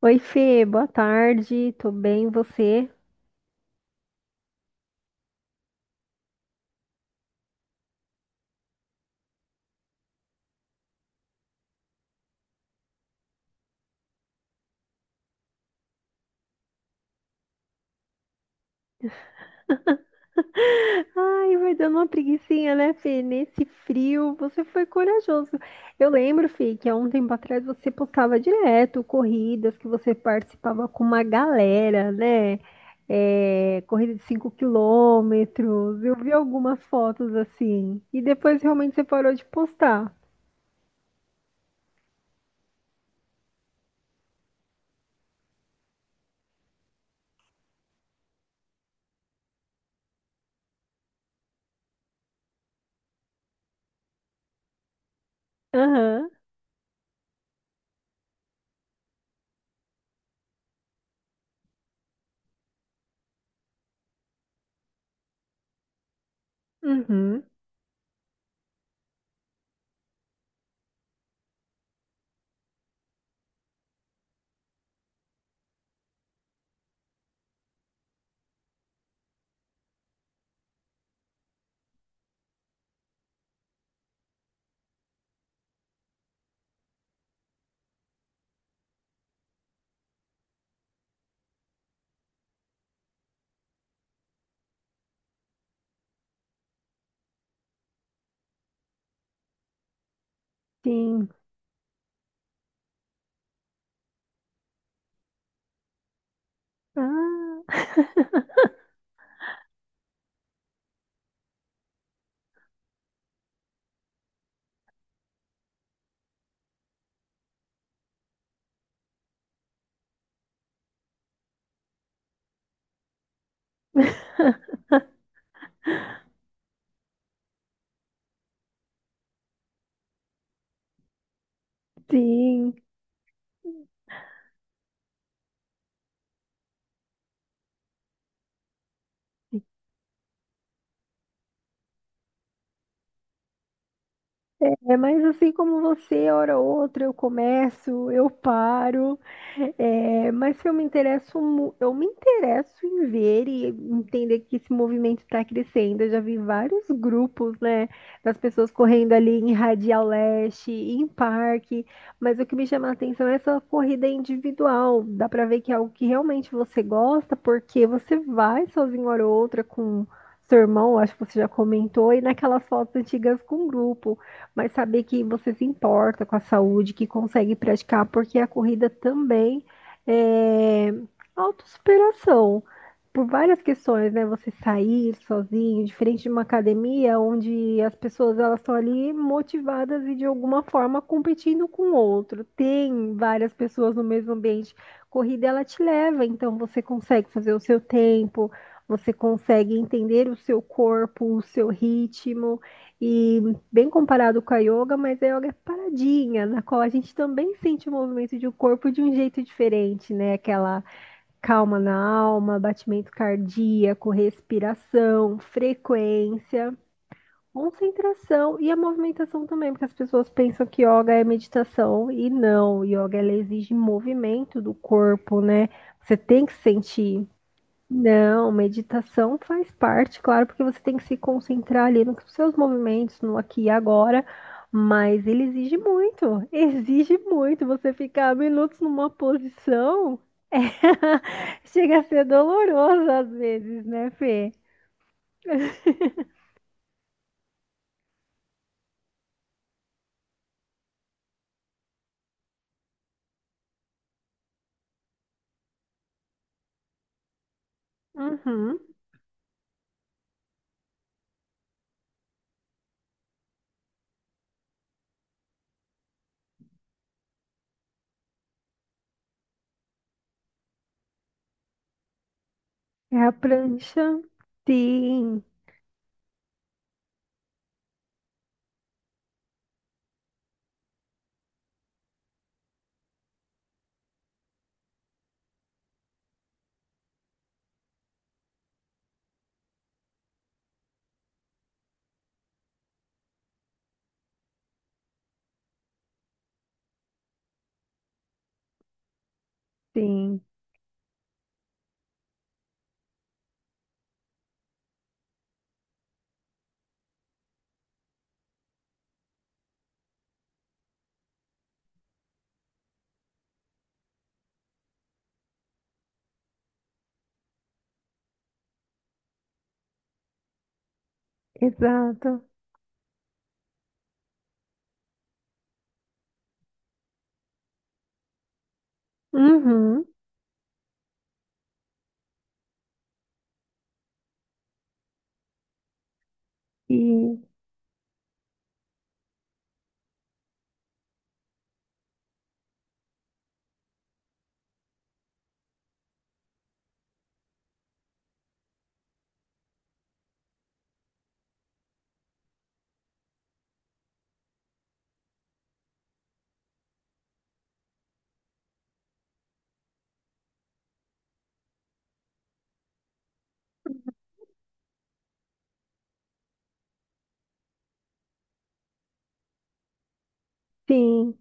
Oi, Fê, boa tarde, tô bem, e você? Ai, vai dando uma preguicinha, né, Fê? Nesse frio, você foi corajoso. Eu lembro, Fê, que há um tempo atrás você postava direto corridas que você participava com uma galera, né? É, corrida de 5 km. Eu vi algumas fotos assim. E depois realmente você parou de postar. Aham, uhum, sim. Ah, sim. É, mas assim como você, hora ou outra, eu começo, eu paro. É, mas eu me interesso, eu me interesso em ver e entender que esse movimento está crescendo. Eu já vi vários grupos, né, das pessoas correndo ali em Radial Leste, em parque, mas o que me chama a atenção é essa corrida individual. Dá para ver que é algo que realmente você gosta, porque você vai sozinho hora ou outra com seu irmão, acho que você já comentou, e naquelas fotos antigas com grupo, mas saber que você se importa com a saúde, que consegue praticar, porque a corrida também é autossuperação. Por várias questões, né? Você sair sozinho, diferente de uma academia, onde as pessoas elas estão ali motivadas e de alguma forma competindo com o outro. Tem várias pessoas no mesmo ambiente. Corrida ela te leva, então você consegue fazer o seu tempo, você consegue entender o seu corpo, o seu ritmo e bem comparado com a yoga, mas a yoga é paradinha, na qual a gente também sente o movimento de um corpo de um jeito diferente, né? Aquela calma na alma, batimento cardíaco, respiração, frequência, concentração e a movimentação também, porque as pessoas pensam que yoga é meditação e não, yoga ela exige movimento do corpo, né? Você tem que sentir não, meditação faz parte, claro, porque você tem que se concentrar ali nos seus movimentos, no aqui e agora, mas ele exige muito, exige muito você ficar minutos numa posição. Chega a ser doloroso às vezes, né, Fê? Uhum. É a prancha? Sim, sim, exato. Uhum. E sim.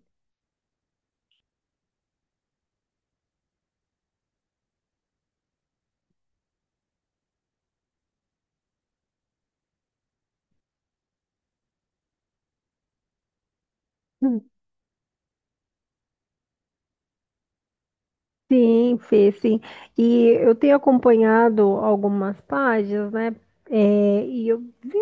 Sim, Fê, sim. E eu tenho acompanhado algumas páginas, né? É, e eu vi,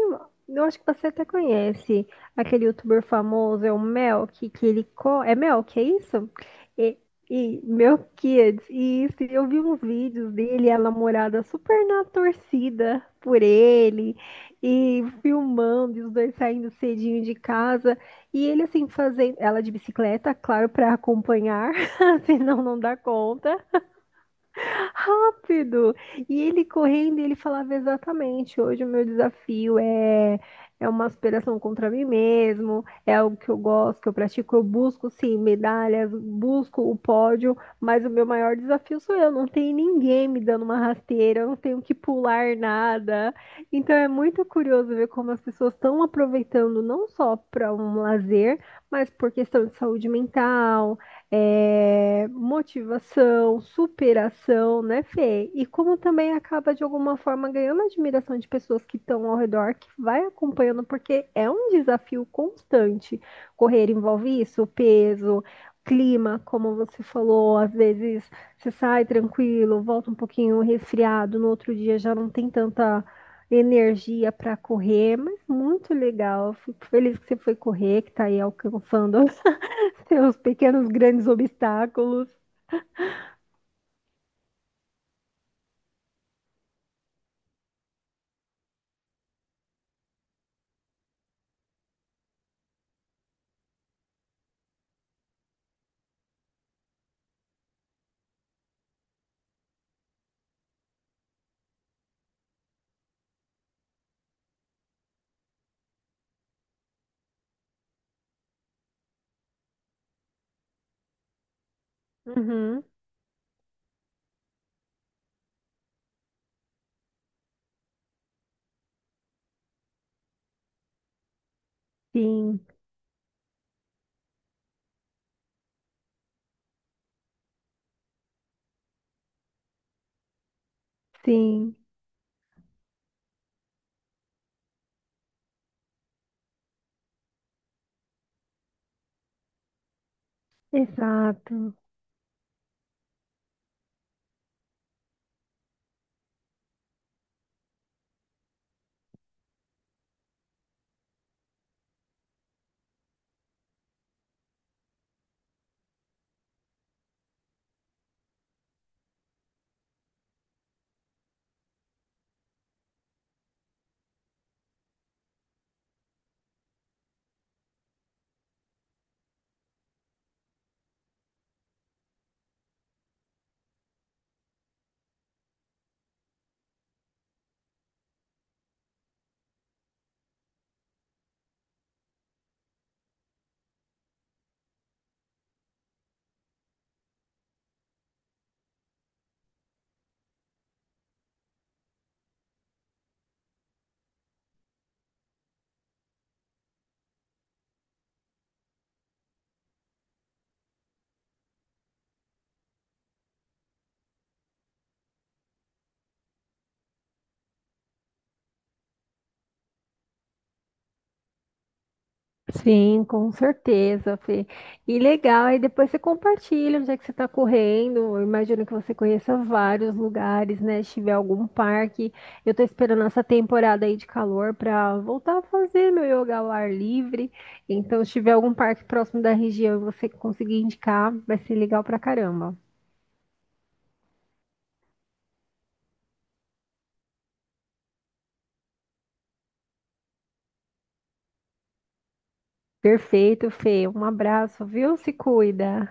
eu acho que você até conhece aquele youtuber famoso, é o Melk, que ele é Melk, é isso? E, e Melquiades, isso. E isso, eu vi uns vídeos dele, e a namorada super na torcida por ele, e filmando, e os dois saindo cedinho de casa, e ele assim fazendo, ela de bicicleta, claro, para acompanhar. Senão não dá conta. Rápido! E ele correndo, ele falava exatamente: hoje o meu desafio é é uma aspiração contra mim mesmo, é algo que eu gosto, que eu pratico, eu busco sim medalhas, busco o pódio, mas o meu maior desafio sou eu, não tem ninguém me dando uma rasteira, eu não tenho que pular nada. Então é muito curioso ver como as pessoas estão aproveitando não só para um lazer, mas por questão de saúde mental, é, motivação, superação, né, Fê? E como também acaba de alguma forma ganhando a admiração de pessoas que estão ao redor, que vai acompanhando, porque é um desafio constante. Correr envolve isso, peso, clima, como você falou, às vezes você sai tranquilo, volta um pouquinho resfriado, no outro dia já não tem tanta energia para correr, mas muito legal. Fico feliz que você foi correr, que está aí alcançando. Seus pequenos grandes obstáculos. Uhum. Sim, sim, exato. Sim, com certeza, Fê. E legal, aí depois você compartilha onde é que você está correndo. Eu imagino que você conheça vários lugares, né? Se tiver algum parque. Eu estou esperando essa temporada aí de calor para voltar a fazer meu yoga ao ar livre. Então, se tiver algum parque próximo da região e você conseguir indicar, vai ser legal pra caramba. Perfeito, Fê. Um abraço, viu? Se cuida.